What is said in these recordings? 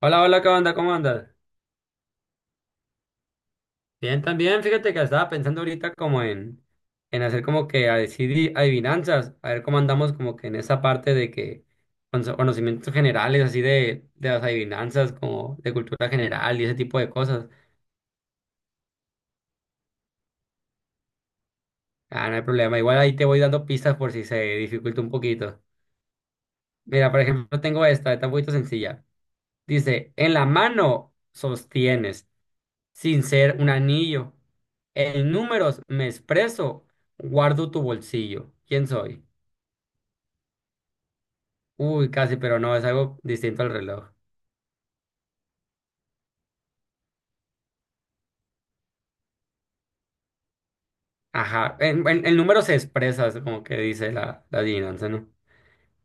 Hola, hola, ¿qué onda? ¿Cómo andas? Bien, también, fíjate que estaba pensando ahorita como en hacer como que a decidir adivinanzas, a ver cómo andamos como que en esa parte de que con conocimientos generales, así de las adivinanzas, como de cultura general y ese tipo de cosas. Ah, no hay problema, igual ahí te voy dando pistas por si se dificulta un poquito. Mira, por ejemplo, tengo esta, está un poquito sencilla. Dice, en la mano sostienes, sin ser un anillo. En números me expreso, guardo tu bolsillo. ¿Quién soy? Uy, casi, pero no, es algo distinto al reloj. Ajá, en números se expresa, es como que dice la adivinanza, ¿no?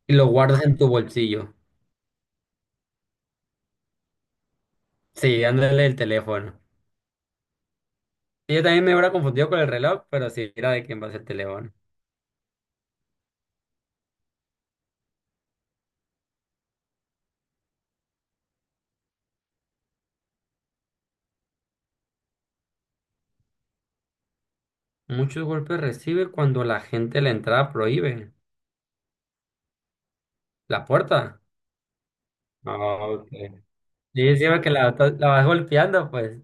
Y lo guardas en tu bolsillo. Sí, dándole el teléfono. Yo también me hubiera confundido con el reloj, pero sí, era de quién va a ser el teléfono. Muchos golpes recibe cuando la gente la entrada prohíbe. La puerta. Ah, ok. Sí, siempre que la vas golpeando, pues.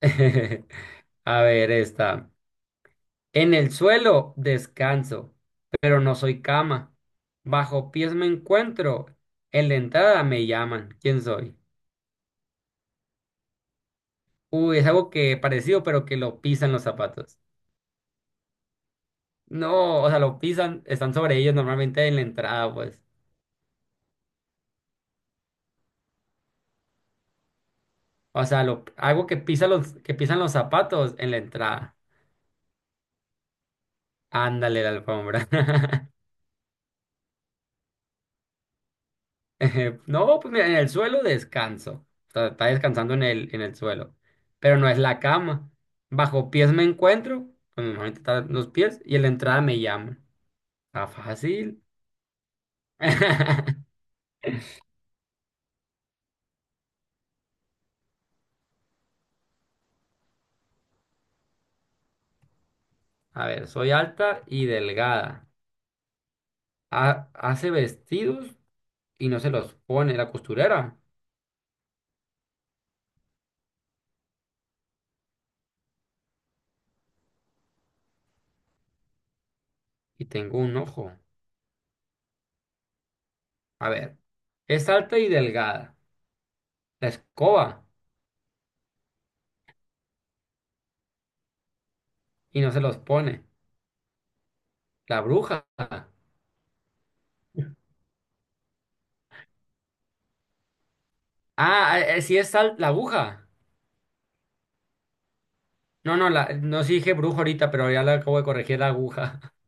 A ver, esta. En el suelo descanso, pero no soy cama. Bajo pies me encuentro. En la entrada me llaman. ¿Quién soy? Uy, es algo que parecido, pero que lo pisan los zapatos. No, o sea, lo pisan, están sobre ellos normalmente en la entrada, pues. O sea, lo, algo que pisa los, que pisan los zapatos en la entrada. Ándale, la alfombra. No, pues mira, en el suelo descanso. Está descansando en el suelo. Pero no es la cama. Bajo pies me encuentro. Pues normalmente están los pies. Y en la entrada me llaman. Está fácil. A ver, soy alta y delgada. Hace vestidos y no se los pone la costurera. Y tengo un ojo. A ver, es alta y delgada. La escoba y no se los pone. La bruja. Ah, sí es la aguja. No, no, la, no sí dije brujo ahorita, pero ya la acabo de corregir la aguja.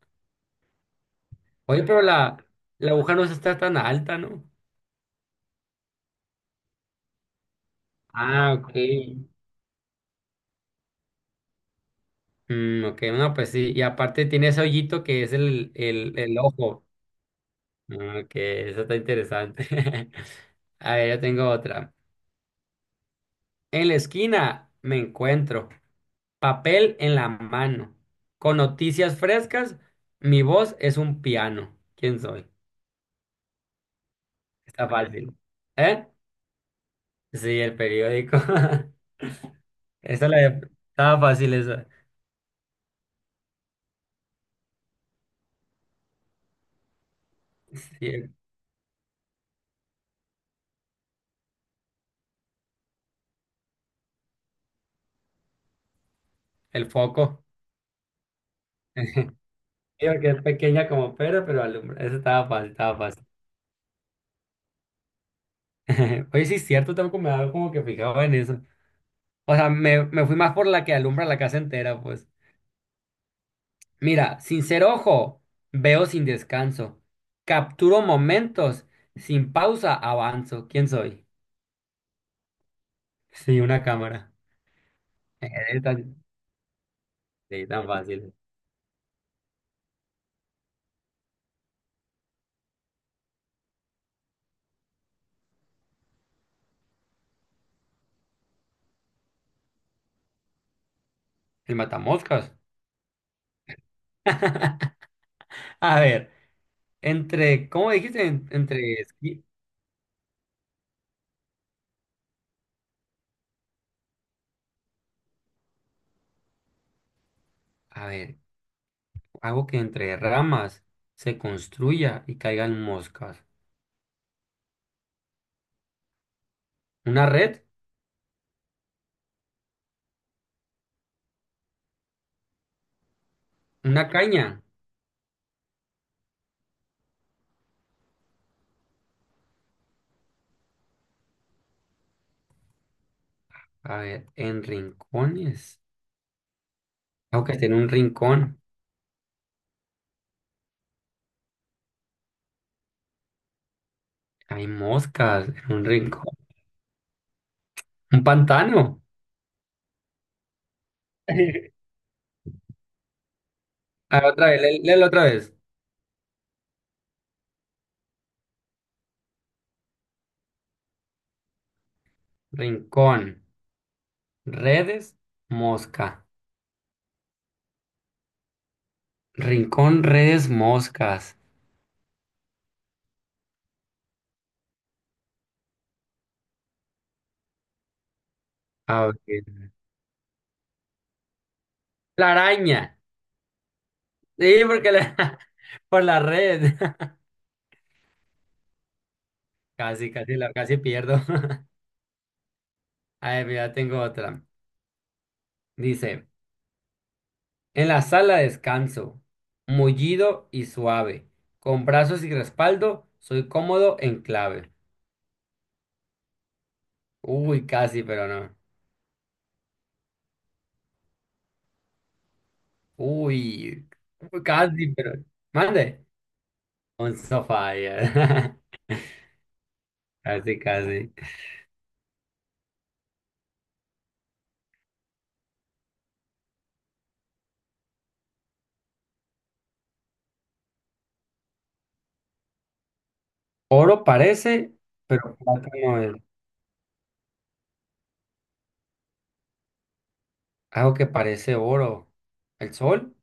Oye, pero la aguja no está tan alta, ¿no? Ah, ok. Mm, ok, no, pues sí. Y aparte tiene ese hoyito que es el ojo. Ah, ok, eso está interesante. A ver, yo tengo otra. En la esquina me encuentro papel en la mano. Con noticias frescas, mi voz es un piano. ¿Quién soy? Está fácil. ¿Eh? Sí, el periódico. Estaba fácil esa. Sí, el foco. Digo que es pequeña como pera, pero alumbra. Esa estaba fácil, estaba fácil. Oye, sí es cierto, tampoco me daba como que fijaba en eso. O sea, me fui más por la que alumbra la casa entera, pues. Mira, sin ser ojo, veo sin descanso. Capturo momentos, sin pausa avanzo. ¿Quién soy? Sí, una cámara. Es tan, sí, tan fácil. El matamoscas. A ver, entre, ¿cómo dijiste? Entre, a ver, hago que entre ramas se construya y caigan moscas. ¿Una red? ¿Una caña? A ver, en rincones. Hago que esté en un rincón. Hay moscas en un rincón. ¿Un pantano? A ver, otra vez, léelo otra vez. Rincón, redes, mosca. Rincón, redes, moscas. A ver. La araña. Sí, porque la por la red. Casi, casi, la, casi pierdo. A ver, mira, tengo otra. Dice, en la sala descanso, mullido y suave, con brazos y respaldo, soy cómodo en clave. Uy, casi, pero no. Uy, casi, pero no. Mande. Un sofá, ya. Casi, casi. Oro parece, pero plátano es. Algo que parece oro. ¿El sol?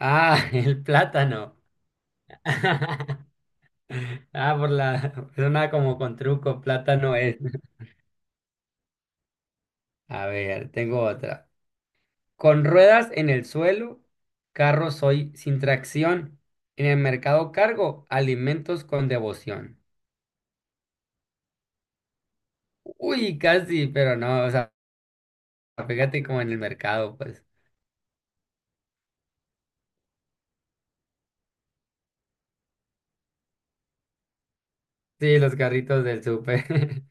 Ah, el plátano. Ah, por la... Suena como con truco, plátano es. A ver, tengo otra. Con ruedas en el suelo, carro soy sin tracción. En el mercado cargo alimentos con devoción. Uy, casi, pero no, o sea, fíjate como en el mercado, pues. Sí, los carritos del súper.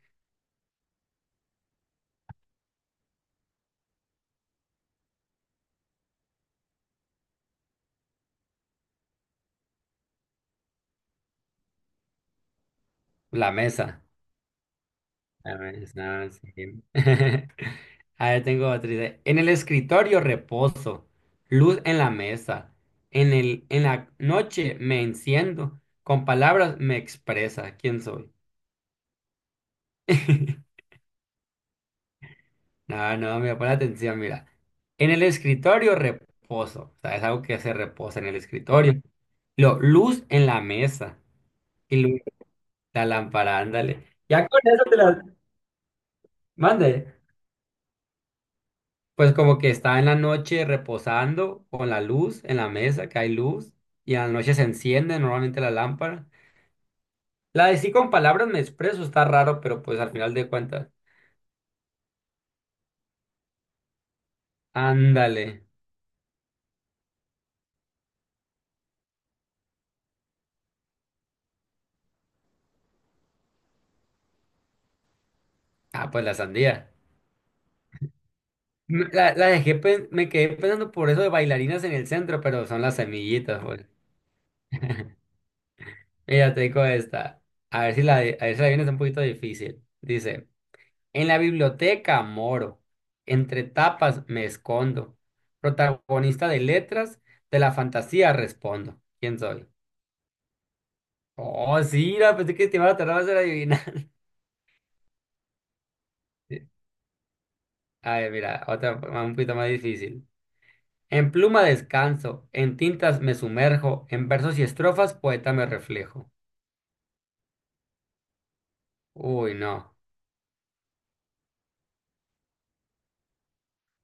La mesa. La mesa, sí. A ver, tengo otra idea. En el escritorio reposo, luz en la mesa. En la noche me enciendo, con palabras me expresa quién soy. No, no, mira, pon atención, mira. En el escritorio, reposo. O sea, es algo que se reposa en el escritorio. Lo luz en la mesa. Y luz la lámpara, ándale. Ya con eso te la mande. Pues como que está en la noche reposando con la luz en la mesa, que hay luz. Y a la noche se enciende normalmente la lámpara. La de sí con palabras me expreso, está raro, pero pues al final de cuentas. Ándale. Ah, pues la sandía. La dejé, me quedé pensando por eso de bailarinas en el centro, pero son las semillitas, güey. Mira, te digo esta. A ver si a ver si la vienes un poquito difícil. Dice, en la biblioteca moro, entre tapas me escondo. Protagonista de letras, de la fantasía respondo. ¿Quién soy? Oh, sí, la pensé que te iba a tardar más en adivinar. Sí. A ver, mira, otra un poquito más difícil. En pluma descanso, en tintas me sumerjo, en versos y estrofas poeta me reflejo. Uy, no.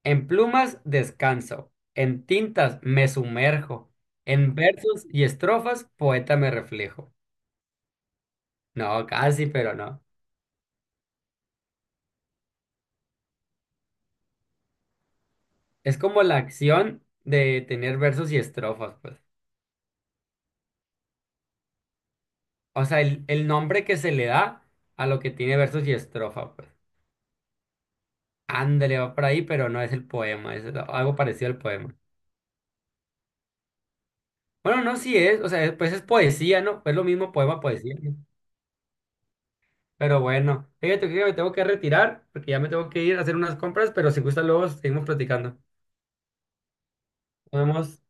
En plumas descanso, en tintas me sumerjo, en versos y estrofas poeta me reflejo. No, casi, pero no. Es como la acción de tener versos y estrofas, pues. O sea, el nombre que se le da a lo que tiene versos y estrofa, pues. Ándale, va por ahí, pero no es el poema, es algo parecido al poema. Bueno, no, sí es, o sea, pues es poesía, ¿no? Es lo mismo poema, poesía, ¿no? Pero bueno, fíjate que me tengo que retirar porque ya me tengo que ir a hacer unas compras, pero si gusta luego seguimos platicando. Nos vemos.